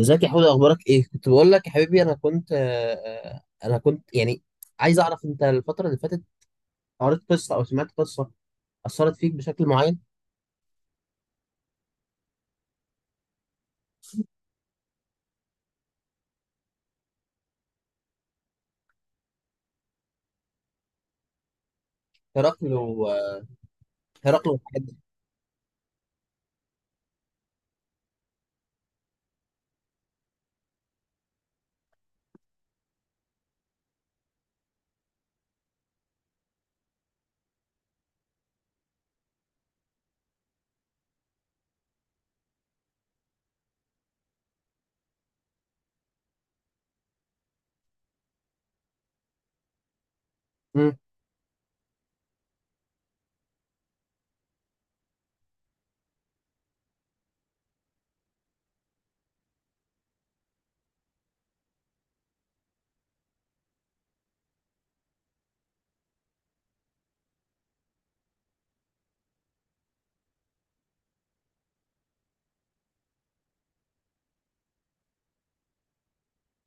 ازيك يا حوده، اخبارك ايه؟ كنت بقول لك يا حبيبي، انا كنت يعني عايز اعرف، انت الفتره اللي فاتت قريت قصه او سمعت قصه اثرت فيك بشكل معين؟ هرقل و آه، هرقل والحاجات دي. امم.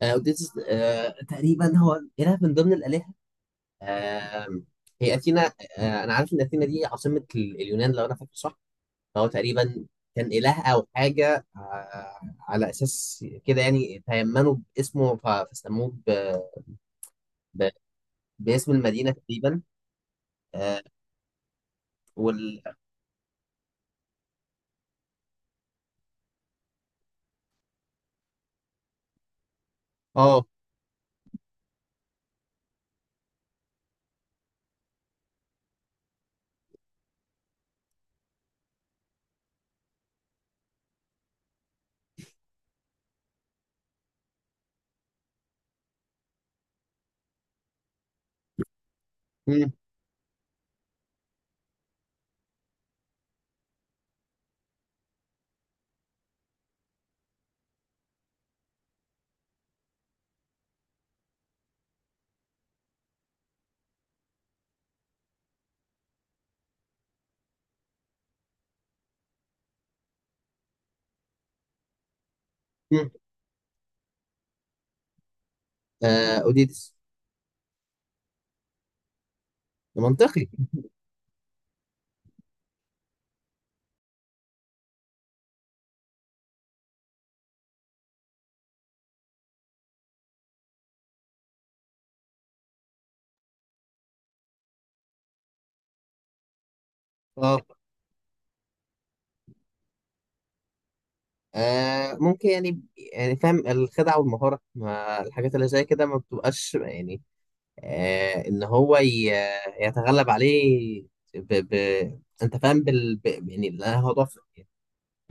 أوديسيس، تقريبا هو اله من ضمن الالهه. آه، هي اثينا، انا عارف ان اثينا دي عاصمه اليونان، لو انا فاكر صح. فهو تقريبا كان اله او حاجه، على اساس كده، يعني تيمنوا باسمه، فسموه ب- باسم المدينه تقريبا. آه، وال اه. مم. مم. آه اوديتس. منطقي. اه، ممكن يعني. يعني فاهم، الخدعة والمهارة ما الحاجات اللي زي كده ما بتبقاش يعني، إن هو يتغلب عليه. ب... ب... أنت فاهم يعني لا، هو ضعف.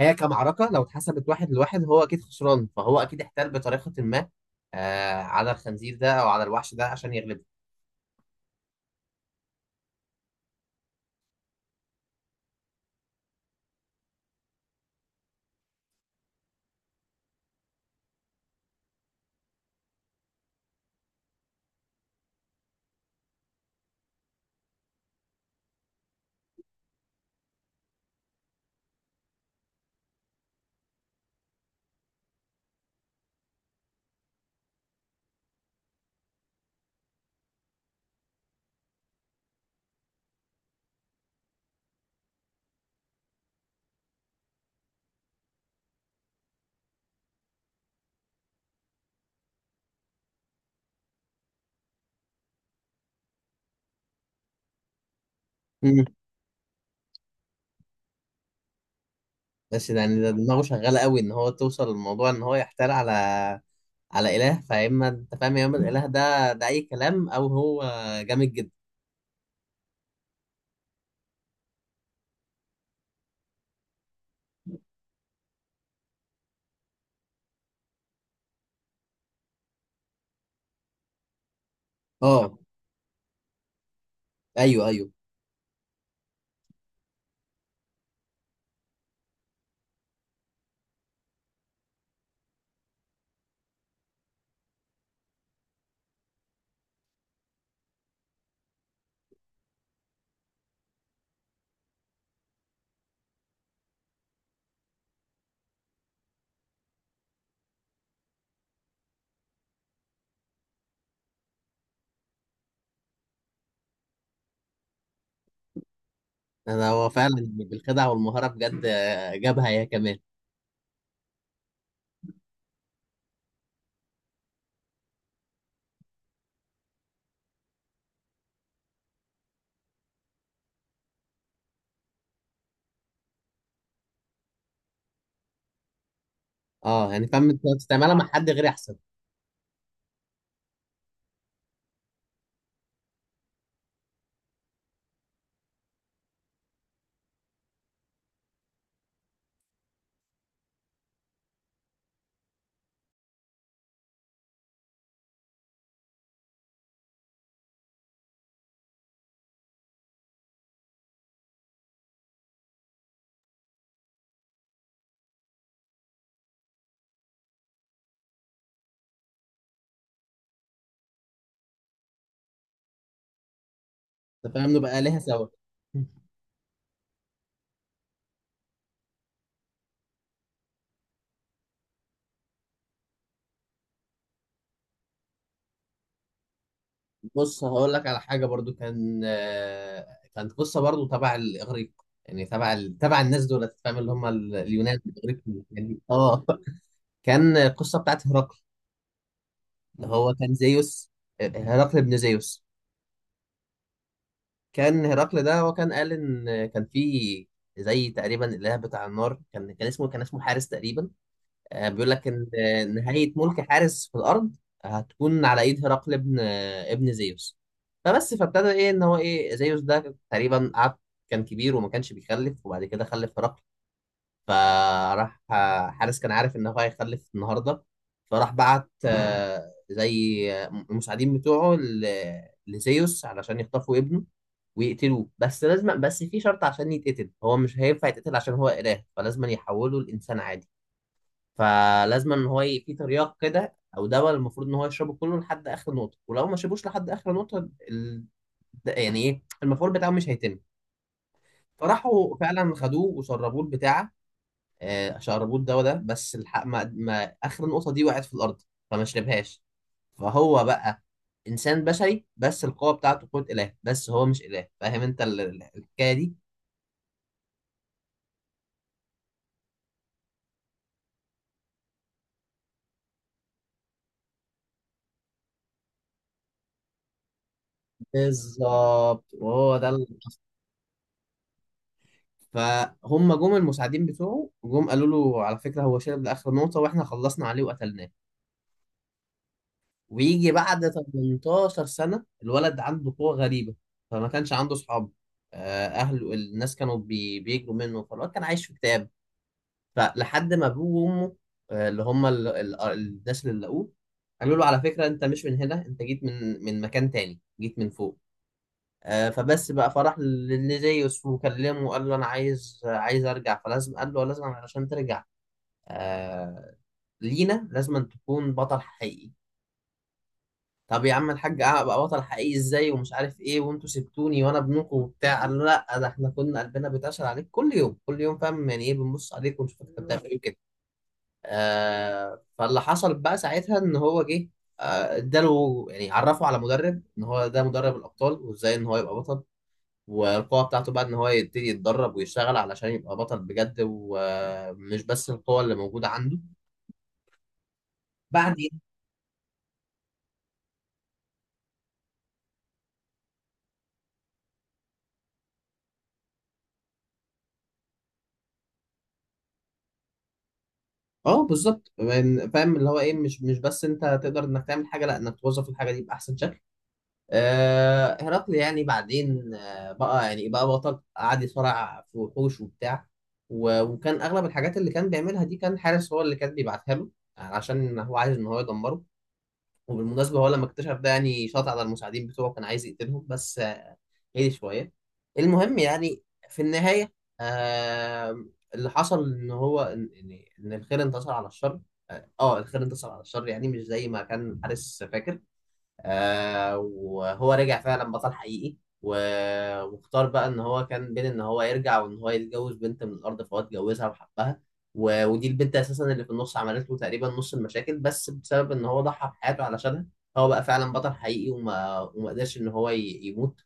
هي كمعركة، لو اتحسبت واحد لواحد هو أكيد خسران، فهو أكيد احتال بطريقة ما، على الخنزير ده أو على الوحش ده عشان يغلبه. مم. بس يعني ده دماغه شغالة قوي، إن هو توصل للموضوع إن هو يحتال على على اله. فاما انت فاهم يا اما الاله ده ده اي كلام، او هو جامد جدا. اه، ايوه ايوه. انا هو فعلا بالخدعه والمهاره بجد، جابها هي كمان. اه يعني فاهم، انت تستعملها مع حد غير احسن. انت فاهم، نبقى الهه سوا. بص، هقول لك على حاجه برضو، كان كانت قصه برضو تبع الاغريق، يعني تبع تبع الناس دول، فاهم، اللي هم اليونان الاغريق. يعني اه كان القصه بتاعت هرقل، اللي هو كان زيوس. هرقل ابن زيوس. كان هرقل ده هو كان قال ان كان في زي تقريبا الاله بتاع النار، كان كان اسمه كان اسمه حارس تقريبا. بيقول لك ان نهايه ملك حارس في الارض هتكون على ايد هرقل ابن ابن زيوس. فبس فابتدى ايه، ان هو ايه، زيوس ده تقريبا قعد كان كبير وما كانش بيخلف، وبعد كده خلف هرقل. فراح حارس كان عارف ان هو هيخلف النهارده، فراح بعت زي المساعدين بتوعه لزيوس علشان يخطفوا ابنه ويقتلوه. بس لازم، بس في شرط عشان يتقتل، هو مش هينفع يتقتل عشان هو إله، فلازم يحوله لإنسان عادي. فلازم ان هو في ترياق كده او دواء، المفروض ان هو يشربه كله لحد اخر نقطه، ولو ما شربوش لحد اخر نقطه يعني ايه المفعول بتاعه مش هيتم. فراحوا فعلا خدوه وشربوه البتاعه، شعربوط ده، وده بس الحق ما اخر النقطه دي وقعت في الارض، فما شربهاش. فهو بقى انسان بشري، بس القوه بتاعته قوه اله، بس هو مش اله. فاهم انت الحكايه دي. بالظبط، وهو ده فهم جم المساعدين بتوعه، جم قالوا له على فكره هو شرب لاخر نقطه واحنا خلصنا عليه وقتلناه. ويجي بعد 18 سنه الولد عنده قوه غريبه، فما كانش عنده صحاب. اهله، الناس كانوا بيجروا منه، فالواد كان عايش في كتاب، فلحد ما ابوه وامه، اللي هم الناس اللي لقوه، قالوا له على فكره انت مش من هنا، انت جيت من مكان تاني، جيت من فوق. فبس بقى فرح لزيوس وكلمه وقال له انا عايز عايز ارجع، فلازم قال له لازم علشان ترجع، آه، لينا لازم أن تكون بطل حقيقي. طب يا عم الحاج، ابقى بطل حقيقي ازاي، ومش عارف ايه، وانتوا سبتوني وانا ابنكم وبتاع؟ قال له لا، ده احنا كنا قلبنا بيتعشر عليك كل يوم كل يوم، فاهم يعني ايه، بنبص عليك ونشوفك انت بتعمل ايه وكده. آه، فاللي حصل بقى ساعتها ان هو جه، اداله، يعني عرفه على مدرب، ان هو ده مدرب الابطال، وازاي ان هو يبقى بطل، والقوه بتاعته بقى ان هو يبتدي يتدرب ويشتغل علشان يبقى بطل بجد، ومش بس القوه اللي موجوده عنده. بعدين، اه بالظبط، يعني فاهم اللي هو ايه، مش مش بس انت تقدر انك تعمل حاجه، لا، انك توظف الحاجه دي باحسن شكل. هرقل يعني بعدين بقى يعني بقى بطل، قعد يصارع في وحوش وبتاع، وكان اغلب الحاجات اللي كان بيعملها دي كان حارس هو اللي كان بيبعتها له، يعني عشان هو عايز ان هو يدمره. وبالمناسبة هو لما اكتشف ده يعني شاط على المساعدين بتوعه، كان عايز يقتلهم، بس هدي شوية. المهم يعني في النهاية، آه، اللي حصل ان هو ان ان إن الخير انتصر على الشر. اه، الخير انتصر على الشر، يعني مش زي ما كان حارس فاكر. آه، وهو رجع فعلا بطل حقيقي، و- واختار بقى ان هو كان بين ان هو يرجع وان هو يتجوز بنت من الارض، فهو اتجوزها وحبها. ودي البنت اساسا اللي في النص عملت له تقريبا نص المشاكل، بس بسبب ان هو ضحى بحياته علشانها، هو بقى فعلا بطل حقيقي، وما قدرش ان هو يموت.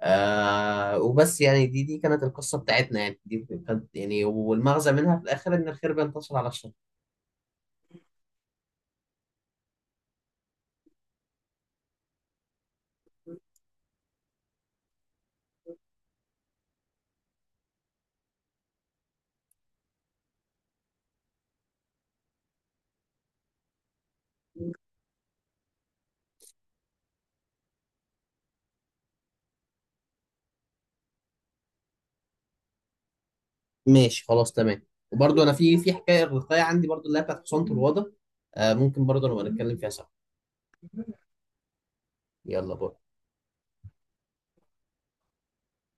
آه وبس، يعني دي كانت القصة بتاعتنا، يعني دي كانت يعني، والمغزى منها في الاخر ان الخير بينتصر على الشر. ماشي، خلاص، تمام. وبرضه انا في حكايه الرقايه عندي برضه، اللي هي بتاعت حصانه الوضع. آه، ممكن برضه نبقى نتكلم فيها سوا. يلا باي.